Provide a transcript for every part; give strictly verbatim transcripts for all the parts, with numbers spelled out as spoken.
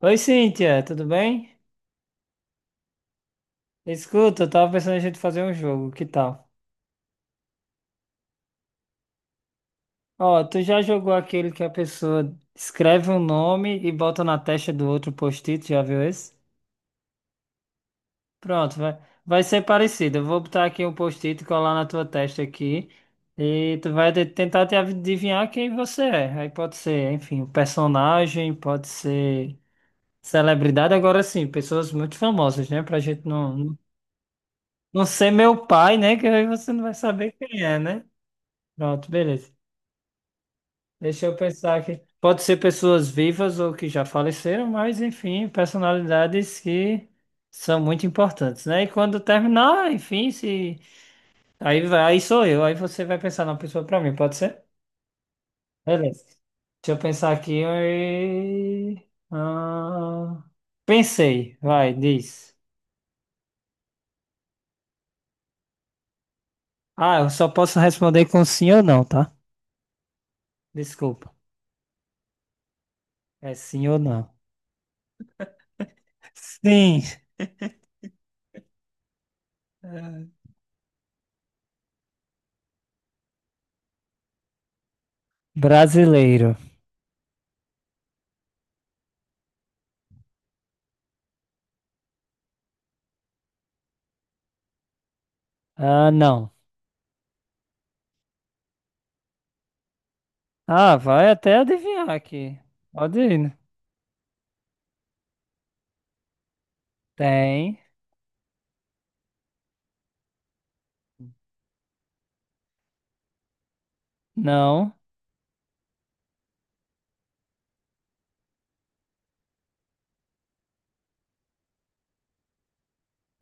Oi, Cíntia, tudo bem? Escuta, eu tava pensando em a gente fazer um jogo, que tal? Ó, tu já jogou aquele que a pessoa escreve um nome e bota na testa do outro post-it, já viu esse? Pronto, vai, vai ser parecido. Eu vou botar aqui um post-it e colar na tua testa aqui e tu vai de- tentar te adivinhar quem você é. Aí pode ser, enfim, um personagem, pode ser celebridade, agora sim, pessoas muito famosas, né? Pra gente não, não não ser meu pai, né? Que aí você não vai saber quem é, né? Pronto, beleza. Deixa eu pensar aqui. Pode ser pessoas vivas ou que já faleceram, mas enfim, personalidades que são muito importantes, né? E quando terminar, enfim, se aí vai, aí sou eu, aí você vai pensar na pessoa pra mim, pode ser? Beleza. Deixa eu pensar aqui. e- Ah, pensei, vai, diz. Ah, eu só posso responder com sim ou não, tá? Desculpa. É sim ou não. Sim, brasileiro. Ah, não. Ah, vai até adivinhar aqui. Pode ir, né? Tem. Não.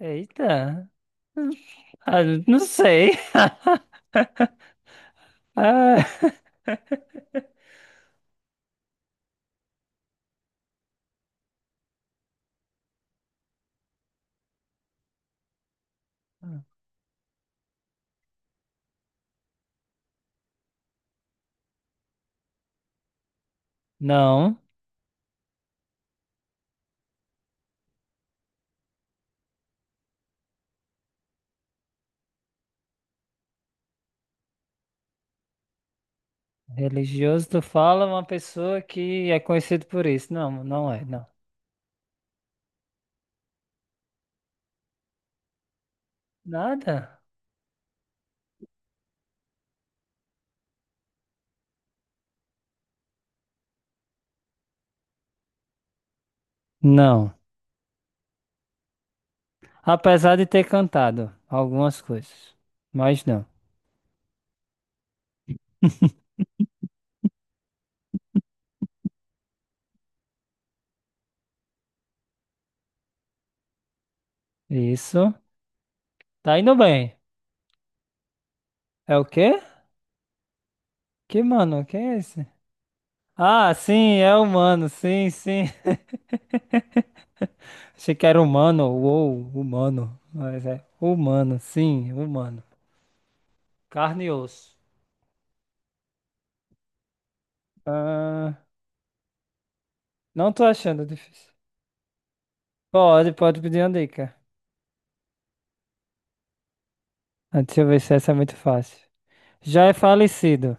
Eita. Ah, não sei. Ah, não. Religioso, tu fala uma pessoa que é conhecida por isso. Não, não é, não. Nada? Não. Apesar de ter cantado algumas coisas. Mas não. Isso. Tá indo bem. É o quê? Que mano? Quem é esse? Ah, sim, é humano. Sim, sim. Achei que era humano, ou humano, mas é humano, sim, humano. Carne e osso. Ah, não tô achando difícil. Pode, pode pedir uma dica. Ah, deixa eu ver se essa é muito fácil. Já é falecido.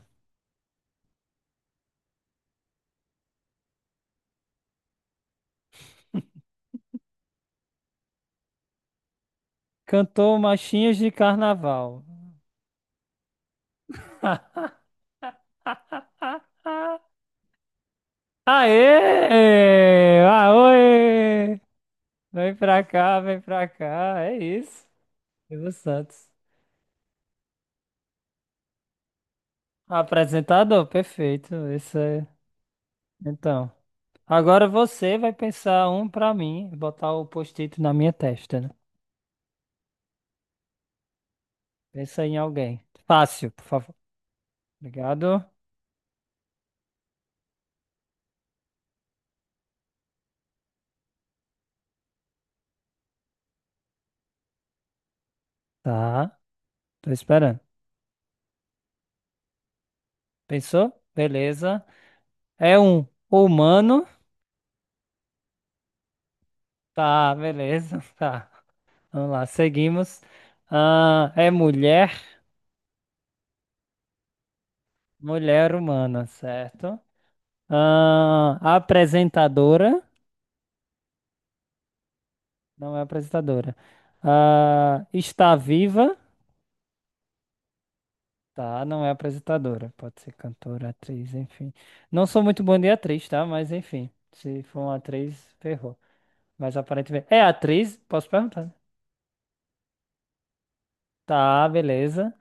Cantou Machinhos de Carnaval. Aê! Ah, vem pra cá, vem pra cá. É isso. Silvio Santos. Apresentador, perfeito. Isso é. Então. Agora você vai pensar um pra mim, botar o post-it na minha testa, né? Pensa em alguém. Fácil, por favor. Obrigado. Tá, tô esperando. Pensou? Beleza. É um humano. Tá, beleza. Tá. Vamos lá, seguimos. Ah, é mulher. Mulher humana, certo? Ah, apresentadora. Não é apresentadora. Ah, está viva. Tá, não é apresentadora. Pode ser cantora, atriz, enfim. Não sou muito bom de atriz, tá? Mas enfim. Se for uma atriz, ferrou. Mas aparentemente. É atriz? Posso perguntar, né? Tá, beleza.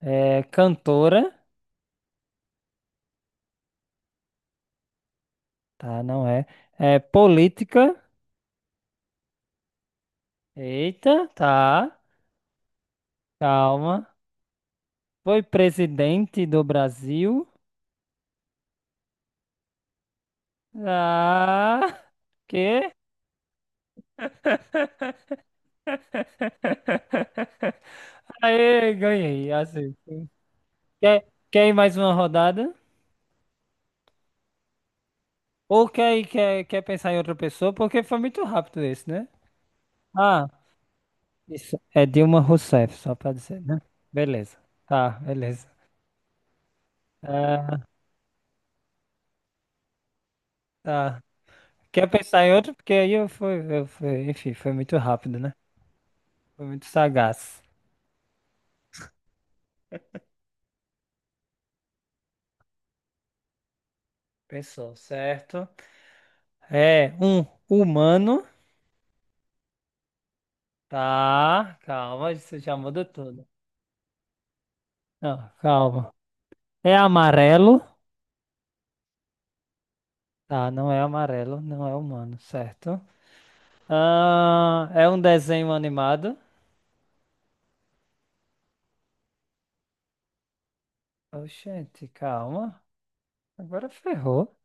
É cantora. Tá, não é. É política. Eita, tá. Calma. Foi presidente do Brasil. Ah, quê? Aê, ganhei. Assim. Quer, quer ir mais uma rodada? Ou quer, quer, quer pensar em outra pessoa, porque foi muito rápido esse, né? Ah, isso. É Dilma Rousseff, só pra dizer, né? Beleza. Tá, beleza. Ah, tá. Quer pensar em outro? Porque aí eu fui, eu fui, enfim, foi muito rápido, né? Foi muito sagaz. Pensou, certo? É um humano. Tá, calma, isso já muda tudo. Não, calma. É amarelo. Tá, não é amarelo, não é humano, certo? Ah, é um desenho animado. Oxente, calma. Agora ferrou.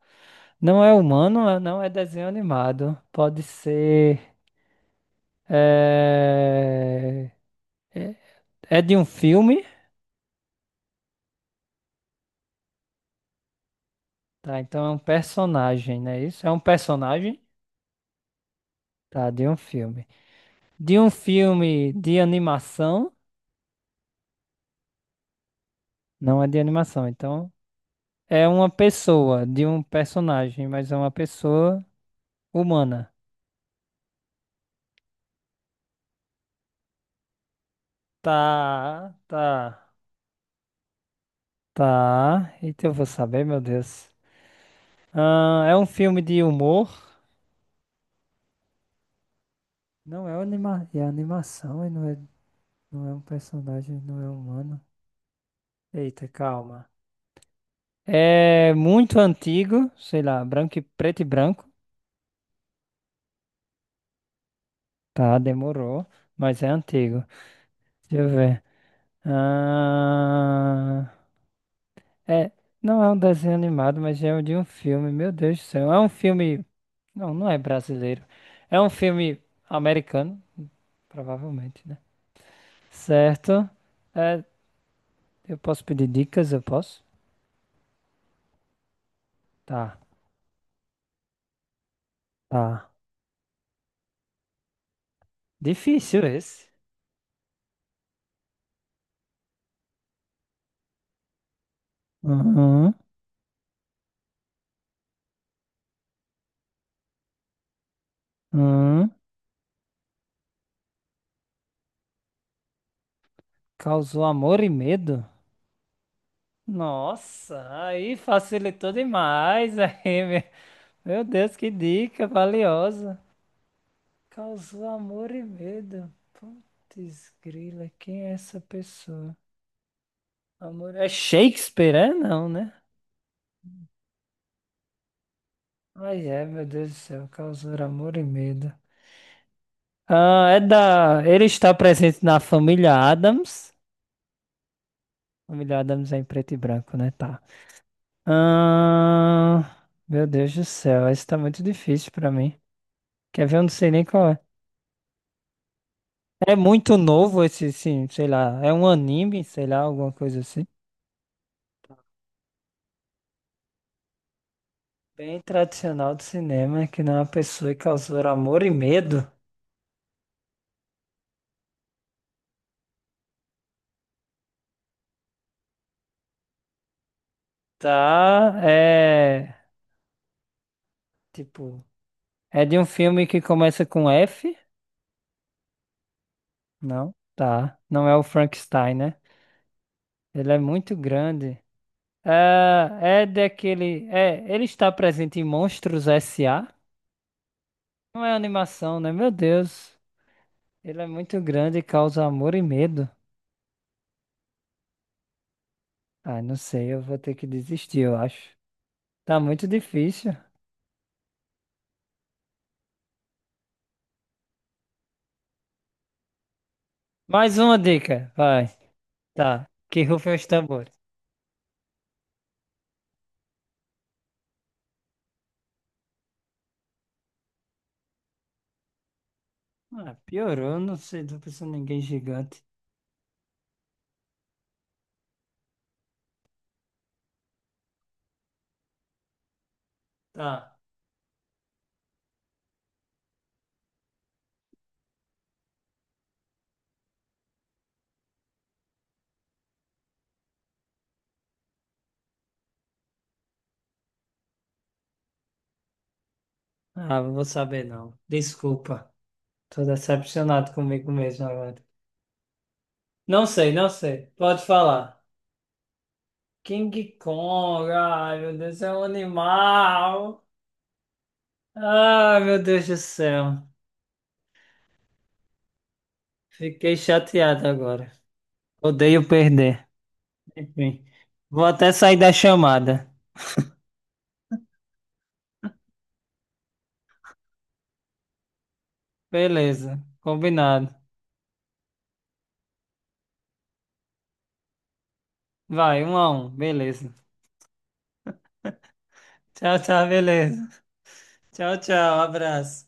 Não é humano, é- não é desenho animado. Pode ser. É... É é de um filme, tá? Então é um personagem, não é isso? É um personagem, tá? De um filme. De um filme de animação, não é de animação. Então é uma pessoa, de um personagem, mas é uma pessoa humana. Tá, tá, tá. Eita, eu vou saber, meu Deus. Ah, é um filme de humor. Não é anima... é animação e não é... não é um personagem, não é humano. Eita, calma. É muito antigo, sei lá, branco e preto e branco. Tá, demorou, mas é antigo. Deixa eu ver. Ah, é, não é um desenho animado, mas é de um filme. Meu Deus do céu. É um filme. Não, não é brasileiro. É um filme americano, provavelmente, né? Certo. É, eu posso pedir dicas? Eu posso? Tá, tá. Difícil esse. Uhum, uhum. Causou amor e medo? Nossa, aí facilitou demais. Aí, me- meu Deus, que dica valiosa. Causou amor e medo. Putz, grila, quem é essa pessoa? Amor é Shakespeare, é? Não, né? Ai, é, meu Deus do céu, causou amor e medo. Ah, é da. Ele está presente na família Adams. Família Adams é em preto e branco, né? Tá. Ah, meu Deus do céu, esse tá muito difícil pra mim. Quer ver? Eu não sei nem qual é. É muito novo esse, sim, sei lá. É um anime, sei lá, alguma coisa assim. Bem tradicional do cinema, que não é uma pessoa que causou amor e medo. Tá, é. Tipo, é de um filme que começa com F? Não, tá. Não é o Frankenstein, né? Ele é muito grande. Ah, é daquele. É, ele está presente em Monstros S A. Não é animação, né? Meu Deus. Ele é muito grande e causa amor e medo. Ah, não sei, eu vou ter que desistir, eu acho. Tá muito difícil. Mais uma dica, vai. Tá. Que rufem os tambores. Ah, piorou, não sei, tô pensando em ninguém gigante. Tá. Ah, não vou saber não. Desculpa. Tô decepcionado comigo mesmo agora. Não sei, não sei. Pode falar. King Kong, ai meu Deus, é um animal. Ai meu Deus do céu, fiquei chateado agora. Odeio perder. Enfim, vou até sair da chamada. Beleza, combinado. Vai, um a um, beleza. Tchau, tchau, beleza. Tchau, tchau, abraço.